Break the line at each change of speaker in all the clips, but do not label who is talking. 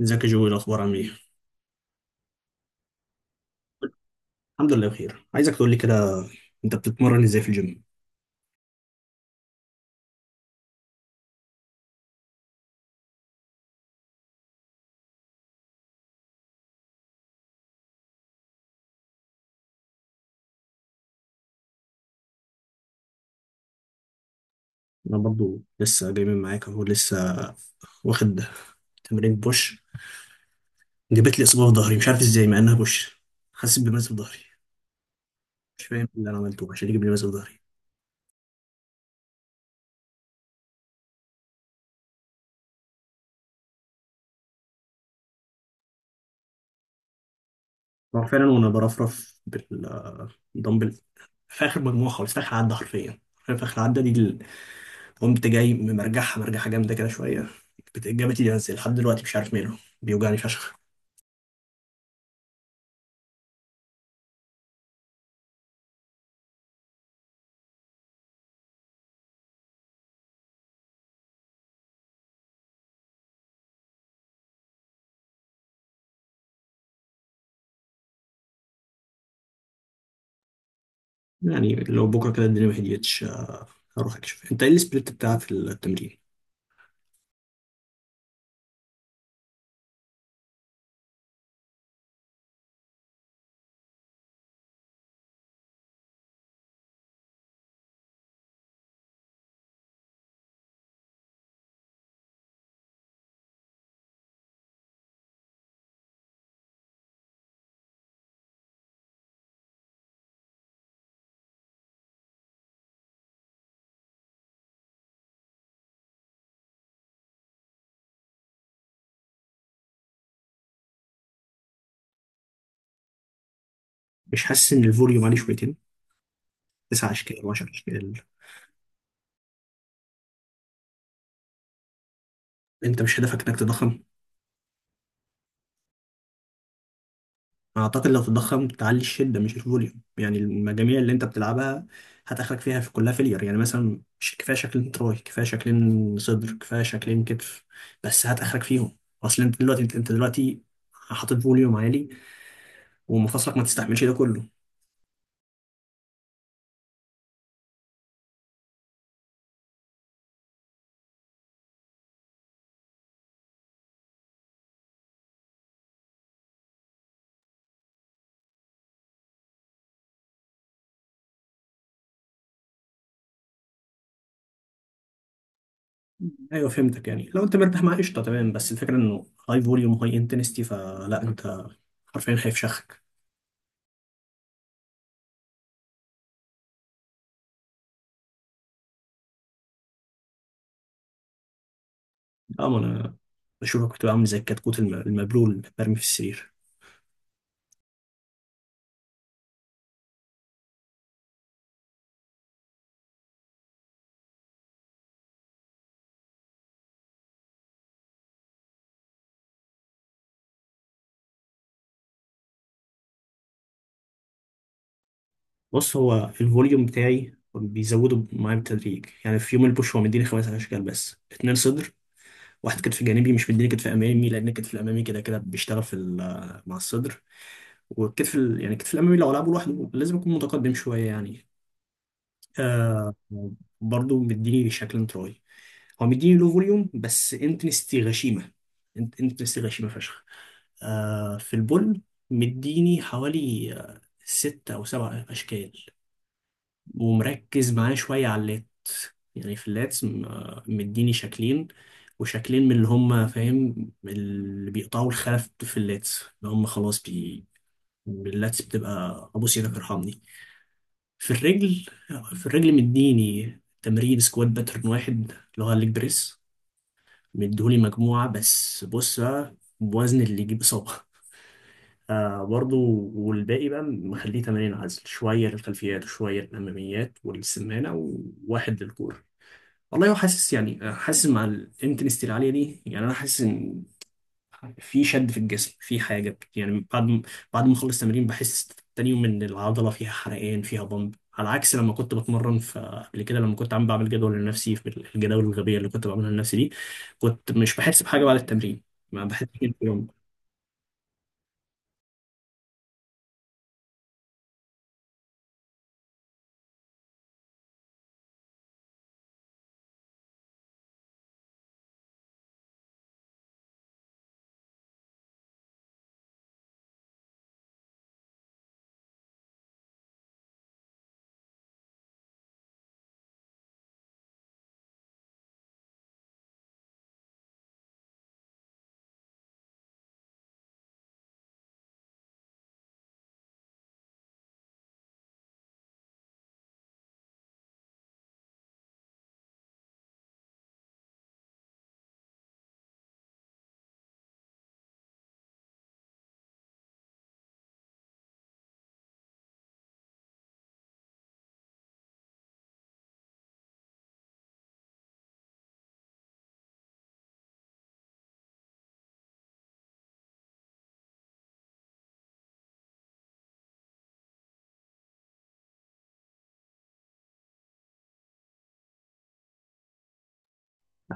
ازيك يا جوي؟ الاخبار عامل ايه؟ الحمد لله بخير. عايزك تقول لي كده، انت بتتمرن ازاي في الجيم؟ انا برضو لسه جاي من معاك اهو، لسه واخد تمرين بوش. جابت لي اصابه في ظهري، مش عارف ازاي مع انها بوش. حاسس بمزق في ظهري، مش فاهم اللي انا عملته عشان يجيب لي مزق في ظهري. هو فعلا وانا برفرف بالدمبل في اخر مجموعه خالص، في اخر عده حرفيا. في اخر عده دي قمت جاي مرجعها مرجعها جامده كده شويه. جابت لي مزق لحد دلوقتي، مش عارف ماله بيوجعني فشخ. يعني لو بكرة كده الدنيا ما هديتش، هروح أكشف. أنت إيه السبليت بتاع في التمرين؟ مش حاسس إن الفوليوم عليه شويتين؟ 9 أشكال و10 أشكال؟ أنت مش هدفك إنك تضخم؟ أعتقد لو تضخم تعلي الشدة مش الفوليوم، يعني المجاميع اللي أنت بتلعبها هتاخرك فيها، في كلها فيلير. يعني مثلا مش كفاية شكلين تراي، كفاية شكلين صدر، كفاية شكلين كتف، بس هتاخرك فيهم. أصل أنت دلوقتي أنت دلوقتي حاطط فوليوم عالي ومفاصلك ما تستحملش ده كله. ايوه فهمتك، يعني لو انت مرتاح مع قشطه تمام، بس الفكره انه هاي فوليوم هاي انتنستي، فلا انت حرفيا خايف شخك. اه، ما انا بشوفك كنت عامل زي الكتكوت المبلول اللي مرمي في السرير. بص، هو الفوليوم بتاعي بيزوده معايا بالتدريج، يعني في يوم البوش هو مديني خمس اشكال، بس اتنين صدر واحد كتف جانبي. مش مديني كتف امامي لان الكتف الامامي كده كده بيشتغل في مع الصدر، والكتف يعني الكتف الامامي لو العبه لوحده لازم يكون متقدم شويه يعني آه برضه مديني شكل تراي، هو مديني لو فوليوم بس انتنستي غشيمه، انت انتنستي غشيمه فشخ. في البول مديني حوالي 6 او 7 اشكال، ومركز معاه شويه على اللات. يعني في اللاتس مديني شكلين، وشكلين من اللي هم فاهم اللي بيقطعوا الخلف في اللاتس، اللي هم خلاص اللاتس بتبقى ابو سيدك ارحمني. في الرجل، في الرجل مديني تمرين سكوات باترن واحد، اللي هو الليج بريس، مديهولي مجموعة بس. بص بقى، بوزن اللي يجيب إصابة برضو والباقي بقى مخليه تمارين عزل، شوية للخلفيات وشوية للأماميات والسمانة، وواحد للكورة. والله هو حاسس، يعني، حاسس مع الانتنستي العالية دي، يعني أنا حاسس إن في شد في الجسم، في حاجة، يعني بعد ما أخلص تمرين بحس تاني يوم إن العضلة فيها حرقان فيها بامب، على عكس لما كنت بتمرن. فقبل كده لما كنت عم بعمل جدول لنفسي، في الجداول الغبية اللي كنت بعملها لنفسي دي، كنت مش بحس بحاجة بعد التمرين، ما بحس كده في يوم.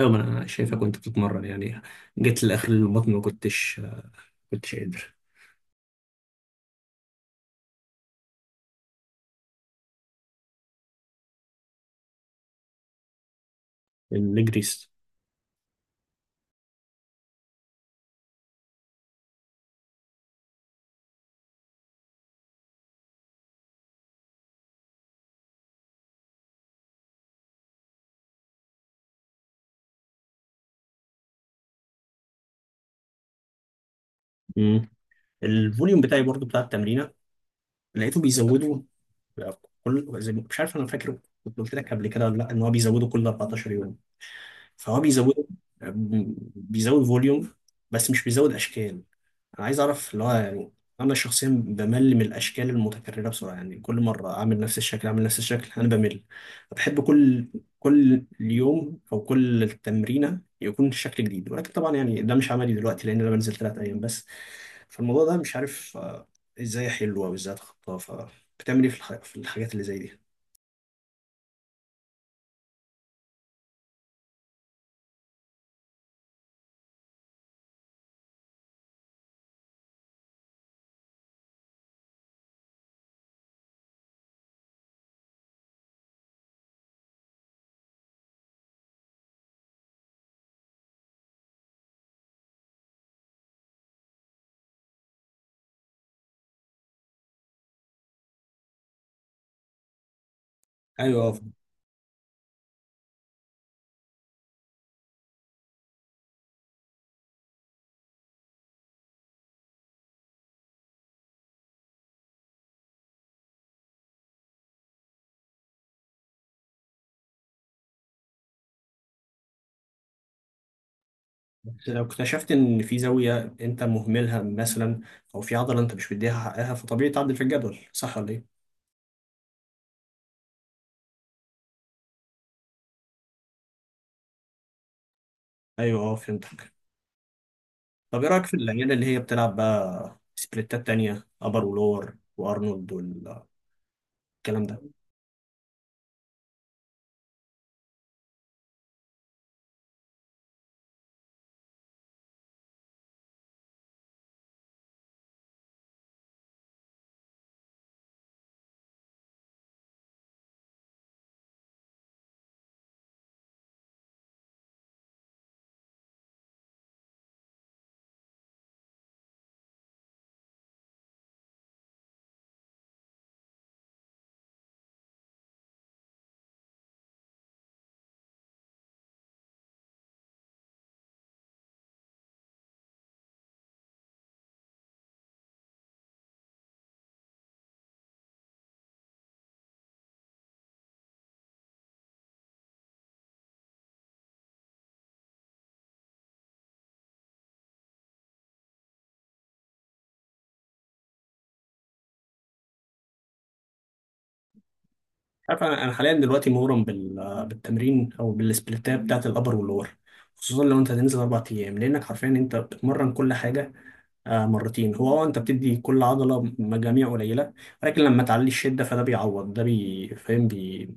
أيوة، ما أنا شايفها كنت بتتمرن، يعني جيت لآخر البطن ما كنتش قادر. النجريس. الفوليوم بتاعي برضو بتاع التمرينة لقيته بيزودوا بقى، كل زي ما- مش عارف، انا فاكر كنت قلت لك قبل كده ولا لا، ان هو بيزودوا كل 14 يوم، فهو بيزود فوليوم بس مش بيزود اشكال. انا عايز اعرف اللي هو يعني، انا شخصيا بمل من الاشكال المتكرره بسرعه، يعني كل مره اعمل نفس الشكل اعمل نفس الشكل انا بمل. بحب كل يوم او كل تمرينه يكون شكل جديد، ولكن طبعا يعني ده مش عملي دلوقتي لان انا بنزل 3 ايام بس. فالموضوع ده مش عارف، ازاي احله او ازاي اتخطاه. بتعمل ايه في الحاجات اللي زي دي؟ ايوه، آه، بس لو اكتشفت ان في زاويه انت مهملها مثلا، او في عضله انت مش مديها حقها، فطبيعي تعدل في الجدول، صح ولا ايه؟ ايوه، اه، فهمتك. طب ايه رايك في العيال اللي هي بتلعب بقى سبليتات تانية، ابر ولور وارنولد والكلام ده؟ عارف، أنا حاليا دلوقتي مغرم بالتمرين او بالسبليتات بتاعت الابر واللور، خصوصا لو انت هتنزل 4 ايام لانك حرفيا انت بتمرن كل حاجه، مرتين. هو اه، انت بتدي كل عضله مجاميع قليله، ولكن لما تعلي الشده فده بيعوض ده، بي فاهم بي,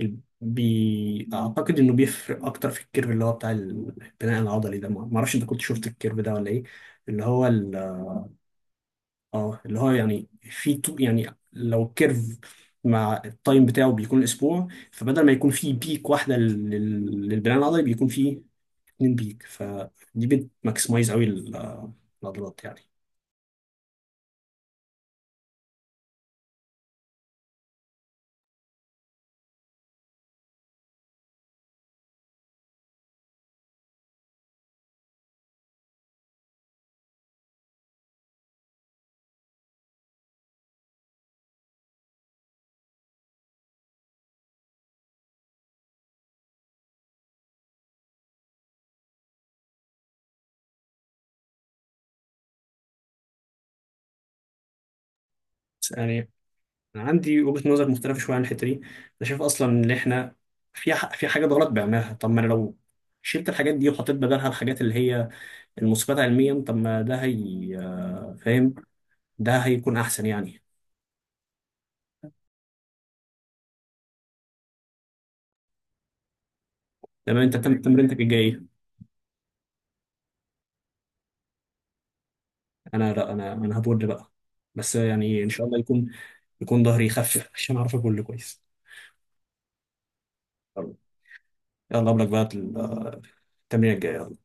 ال- بي... اعتقد انه بيفرق اكتر في الكيرف اللي هو بتاع البناء العضلي ده، ما ما اعرفش انت كنت شفت الكيرف ده ولا ايه، اللي هو اه. اللي هو يعني في يعني لو الكيرف مع التايم بتاعه بيكون اسبوع، فبدل ما يكون فيه بيك واحده للبناء العضلي، بيكون فيه اتنين بيك. فدي بتماكسمايز قوي العضلات. يعني انا عندي وجهة نظر مختلفة شوية عن الحتة دي. انا شايف اصلا ان احنا في حاجات غلط بعملها، طب ما انا لو شلت الحاجات دي وحطيت بدلها الحاجات اللي هي المثبتة علميا، طب ما ده هي، فاهم، ده هيكون احسن يعني. تمام، انت بتعمل تمرينتك الجاية إيه؟ انا لا، انا هبول بقى. بس يعني ان شاء الله يكون ظهري يخفف عشان اعرف ابول كويس. يلا قبلك بقى التمرين الجاي.